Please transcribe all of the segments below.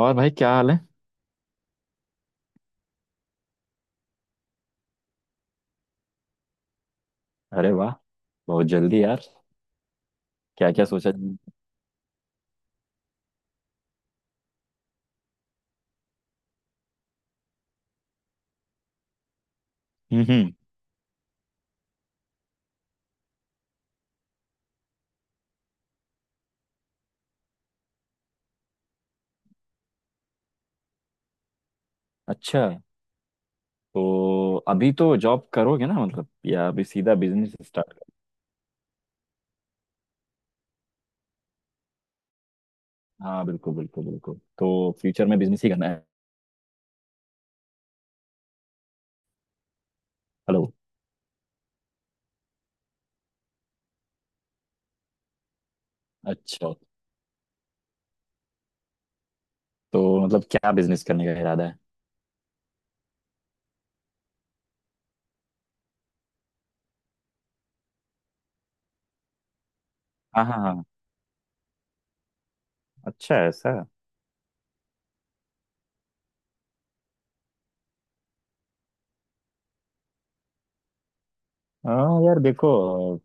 और भाई क्या हाल है। अरे वाह। बहुत जल्दी यार। क्या क्या सोचा? हम्म। हम्म। अच्छा, तो अभी तो जॉब करोगे ना? मतलब या अभी सीधा बिजनेस स्टार्ट कर? हाँ, बिल्कुल, बिल्कुल, बिल्कुल। तो फ्यूचर में बिजनेस ही करना है? हेलो? अच्छा, तो मतलब क्या बिजनेस करने का इरादा है? हाँ, हाँ, हाँ। अच्छा, ऐसा। हाँ यार देखो।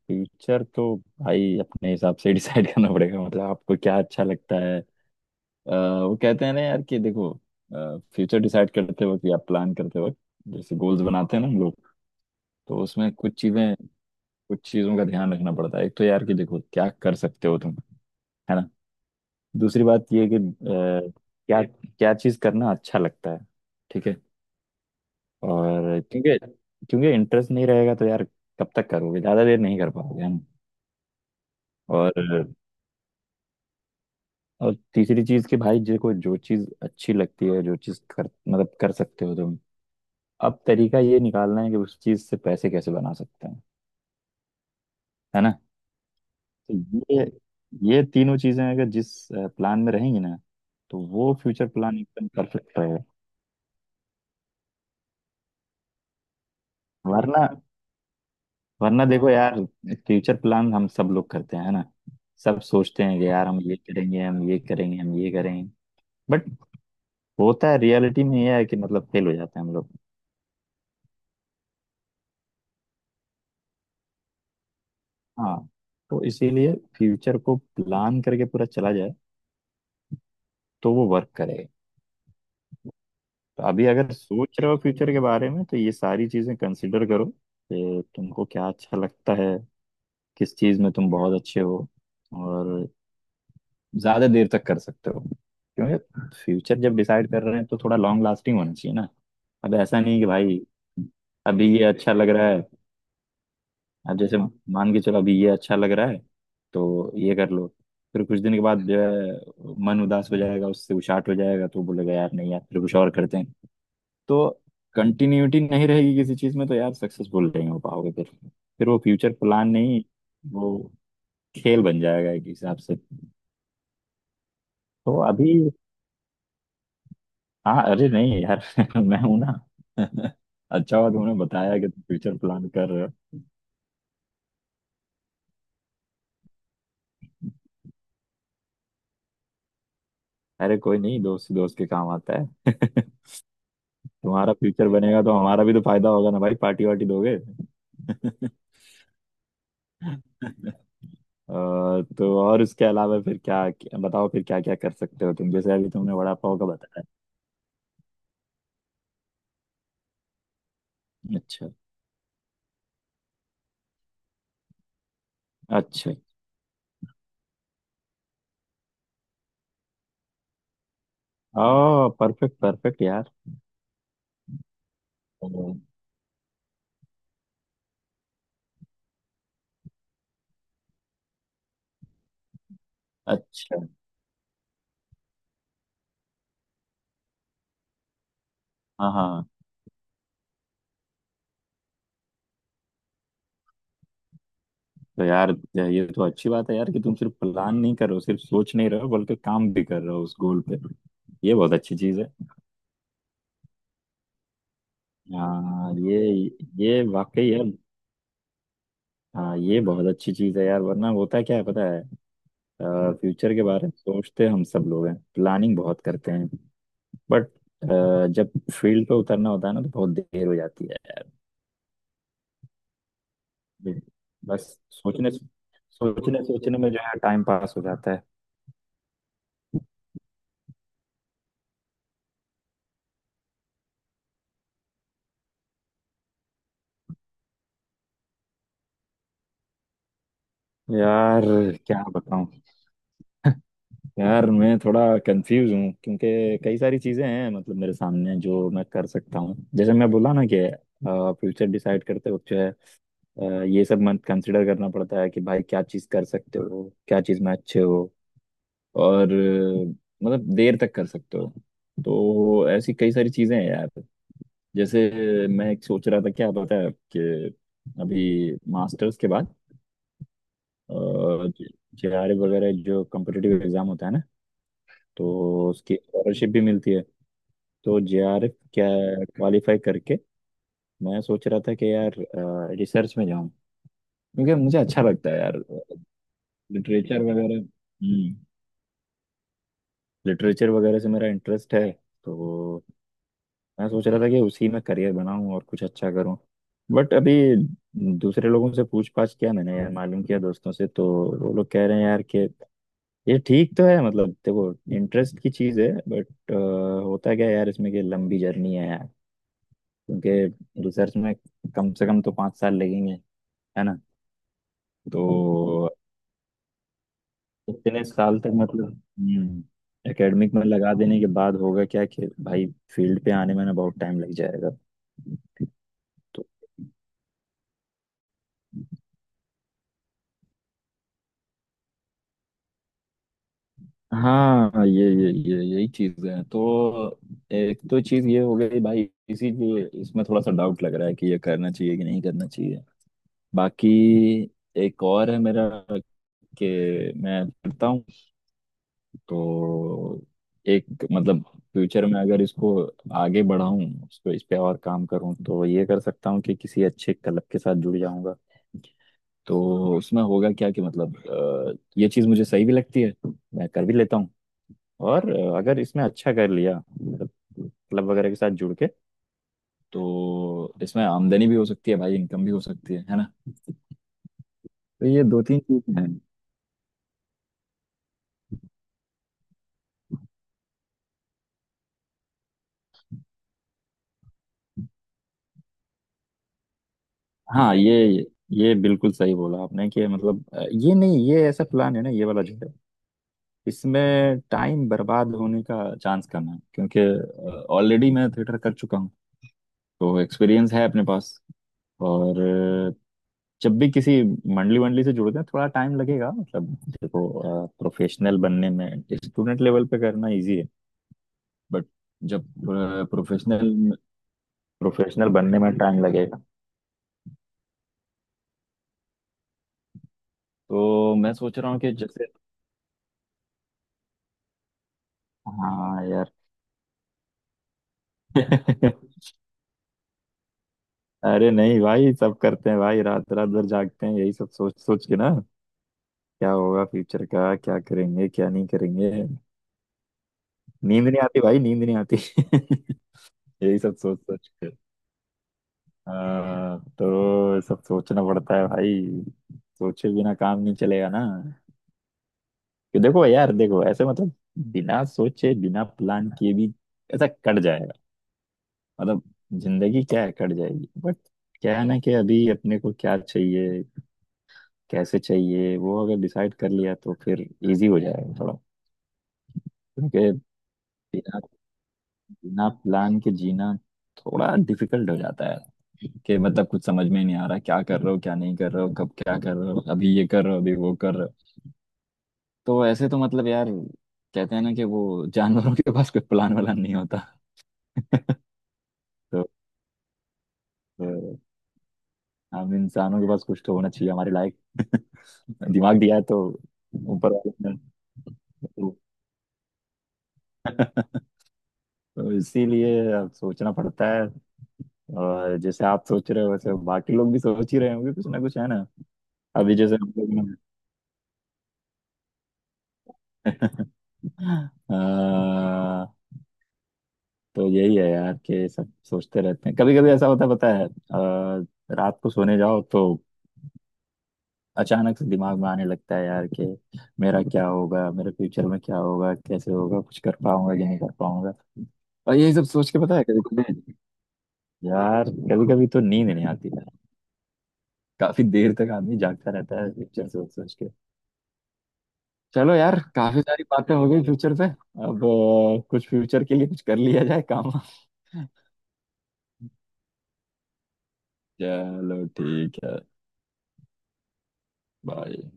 फ्यूचर तो भाई अपने हिसाब से डिसाइड करना पड़ेगा। मतलब आपको क्या अच्छा लगता है? वो कहते हैं ना यार कि देखो, फ्यूचर डिसाइड करते वक्त या प्लान करते वक्त, जैसे गोल्स बनाते हैं ना हम लोग। तो उसमें कुछ चीजों का ध्यान रखना पड़ता है। एक तो यार कि देखो क्या कर सकते हो तुम। है ना। दूसरी बात ये है कि क्या क्या चीज करना अच्छा लगता है। ठीक है। और क्योंकि क्योंकि इंटरेस्ट नहीं रहेगा तो यार, कब तक करोगे? ज्यादा देर नहीं कर पाओगे, है ना। और और तीसरी चीज कि भाई जो चीज अच्छी लगती है, जो चीज कर मतलब कर सकते हो तुम। अब तरीका ये निकालना है कि उस चीज से पैसे कैसे बना सकते हैं। है ना। तो ये ये तीनों चीजें अगर जिस प्लान में रहेंगी ना, तो वो फ्यूचर प्लान एकदम परफेक्ट रहेगा। वरना वरना देखो यार, फ्यूचर प्लान हम सब लोग करते हैं, है ना। सब सोचते हैं कि यार हम ये करेंगे, हम ये करेंगे, हम ये करेंगे। बट होता है रियलिटी में ये है कि मतलब फेल हो जाते हैं हम लोग। हाँ, तो इसीलिए फ्यूचर को प्लान करके पूरा चला जाए, तो वो वर्क करेगा। तो अभी अगर सोच रहे हो फ्यूचर के बारे में, तो ये सारी चीजें कंसिडर करो कि तुमको क्या अच्छा लगता है, किस चीज में तुम बहुत अच्छे हो, और ज्यादा देर तक कर सकते हो। क्योंकि फ्यूचर जब डिसाइड कर रहे हैं, तो थोड़ा लॉन्ग लास्टिंग होना चाहिए ना। अब ऐसा नहीं कि भाई अभी ये अच्छा लग रहा है। अब जैसे मान के चलो अभी ये अच्छा लग रहा है, तो ये कर लो। फिर कुछ दिन के बाद जो है, मन उदास हो जाएगा, उससे उचाट हो जाएगा, तो बोलेगा यार नहीं यार, फिर कुछ और करते हैं। तो कंटिन्यूटी नहीं रहेगी किसी चीज में, तो यार सक्सेसफुल नहीं हो पाओगे फिर। फिर वो फ्यूचर प्लान नहीं, वो खेल बन जाएगा एक हिसाब से। तो अभी, हाँ, अरे नहीं यार मैं हूं ना। अच्छा हुआ तुमने बताया कि तुम फ्यूचर प्लान कर रहे हो। अरे कोई नहीं, दोस्त दोस्त के काम आता है तुम्हारा फ्यूचर बनेगा तो हमारा भी तो फायदा होगा ना भाई, पार्टी वार्टी दोगे अ, तो और उसके अलावा फिर क्या, क्या बताओ, फिर क्या क्या कर सकते हो तुम, जैसे अभी तुमने वड़ा पाव का बताया? अच्छा, अच्छा। ओ परफेक्ट, परफेक्ट यार। ओ, अच्छा। हाँ, हाँ। तो यार ये तो अच्छी बात है यार कि तुम सिर्फ प्लान नहीं कर रहे हो, सिर्फ सोच नहीं रहे हो, बल्कि काम भी कर रहे हो उस गोल पे। ये बहुत अच्छी चीज है। हाँ, ये वाकई है। हाँ, ये बहुत अच्छी चीज है यार। वरना होता क्या है पता है? फ्यूचर के बारे में सोचते हम सब लोग हैं, प्लानिंग बहुत करते हैं। बट जब फील्ड पे उतरना होता है ना, तो बहुत देर हो जाती है। बिल- बस सोचने सोचने सोचने में जो है टाइम पास हो जाता है। यार क्या बताऊं? यार मैं थोड़ा कंफ्यूज हूँ, क्योंकि कई सारी चीजें हैं मतलब मेरे सामने जो मैं कर सकता हूँ। जैसे मैं बोला ना कि फ्यूचर डिसाइड करते वक्त जो है, अ, ये सब मन कंसिडर करना पड़ता है कि भाई क्या चीज कर सकते हो, क्या चीज में अच्छे हो, और मतलब देर तक कर सकते हो। तो ऐसी कई सारी चीजें हैं यार। जैसे मैं एक सोच रहा था क्या पता है कि अभी मास्टर्स के बाद जेआरएफ वगैरह जो कम्पिटिटिव एग्जाम होता है ना, तो उसकी स्कॉलरशिप भी मिलती है। तो जेआरएफ क्या क्वालिफाई करके मैं सोच रहा था कि यार रिसर्च में जाऊं, क्योंकि मुझे अच्छा लगता है यार। लिटरेचर वगैरह, लिटरेचर वगैरह से मेरा इंटरेस्ट है, तो मैं सोच रहा था कि उसी में करियर बनाऊं और कुछ अच्छा करूं। बट अभी दूसरे लोगों से पूछ पाछ किया मैंने यार, मालूम किया दोस्तों से, तो वो लोग कह रहे हैं यार कि ये ठीक तो है, मतलब देखो इंटरेस्ट की चीज़ है, बट होता क्या है यार इसमें कि लंबी जर्नी है यार। क्योंकि रिसर्च में कम से कम तो 5 साल लगेंगे, है ना। तो इतने साल तक मतलब, एकेडमिक में लगा देने के बाद होगा क्या कि भाई फील्ड पे आने में ना बहुत टाइम लग जाएगा। तो हाँ, ये यही चीज है तो एक तो चीज ये हो गई भाई। इसीलिए इसमें थोड़ा सा डाउट लग रहा है कि ये करना चाहिए कि नहीं करना चाहिए। बाकी एक और है मेरा कि मैं करता हूँ तो एक मतलब फ्यूचर में अगर इसको आगे बढ़ाऊं, इसको इस पे और काम करूं, तो ये कर सकता हूँ कि किसी अच्छे क्लब के साथ जुड़ जाऊंगा। तो उसमें होगा क्या कि मतलब ये चीज मुझे सही भी लगती है, मैं कर भी लेता हूँ। और अगर इसमें अच्छा कर लिया मतलब क्लब वगैरह के साथ जुड़ के, तो इसमें आमदनी भी हो सकती है भाई, इनकम भी हो सकती है ना। तो ये दो तीन चीज है। हाँ, ये बिल्कुल सही बोला आपने कि मतलब ये नहीं, ये ऐसा प्लान है ना, ये वाला जो है, इसमें टाइम बर्बाद होने का चांस कम है, क्योंकि ऑलरेडी मैं थिएटर कर चुका हूँ, तो एक्सपीरियंस है अपने पास। और जब भी किसी मंडली वंडली से जुड़ते हैं थोड़ा टाइम लगेगा मतलब। देखो, प्रोफेशनल बनने में स्टूडेंट लेवल पे करना इजी है। बट जब प्रोफेशनल प्रोफेशनल बनने में टाइम लगेगा। तो मैं सोच रहा हूँ कि जैसे, हाँ यार। अरे नहीं भाई, सब करते हैं भाई। रात रात भर जागते हैं यही सब सोच सोच के ना। क्या होगा फ्यूचर का, क्या करेंगे, क्या नहीं करेंगे। नींद नहीं आती भाई, नींद नहीं आती यही सब सोच सोच। हाँ, तो सब सोचना पड़ता है भाई। सोचे बिना काम नहीं चलेगा ना। कि देखो यार, देखो ऐसे मतलब बिना सोचे, बिना प्लान किए भी ऐसा कट जाएगा, मतलब जिंदगी क्या है, कट जाएगी। बट क्या है ना कि अभी अपने को क्या चाहिए, कैसे चाहिए, वो अगर डिसाइड कर लिया तो फिर इजी हो जाएगा थोड़ा। क्योंकि बिना बिना प्लान के जीना थोड़ा डिफिकल्ट हो जाता है कि मतलब कुछ समझ में नहीं आ रहा क्या कर रहे हो, क्या नहीं कर रहे हो, कब क्या कर रहे हो, अभी ये कर रहे हो, अभी वो कर रहे हो। तो ऐसे तो मतलब यार, कहते हैं ना कि वो जानवरों के पास कोई प्लान वालान नहीं होता। तो, तो हम इंसानों के पास कुछ तो होना चाहिए हमारे लायक। दिमाग दिया है तो ऊपर वाले ने तो। तो इसीलिए अब सोचना पड़ता है। और जैसे आप सोच रहे हो वैसे बाकी लोग भी सोच ही रहे होंगे कुछ ना कुछ, है ना। अभी जैसे हम लोग, अ, तो यही है यार कि सब सोचते रहते हैं। कभी कभी ऐसा होता है पता है, रात को सोने जाओ तो अचानक से दिमाग में आने लगता है यार कि मेरा क्या होगा, मेरे फ्यूचर में क्या होगा, कैसे होगा, कुछ कर पाऊंगा कि नहीं कर पाऊंगा। और यही सब सोच के पता है कभी कभी, यार कभी कभी तो नींद नहीं आती है। काफी देर तक आदमी जागता रहता है फ्यूचर सोच सोच के। चलो यार, काफी सारी बातें हो गई फ्यूचर पे। अब कुछ फ्यूचर के लिए कुछ कर लिया जाए काम। चलो, ठीक है। बाय।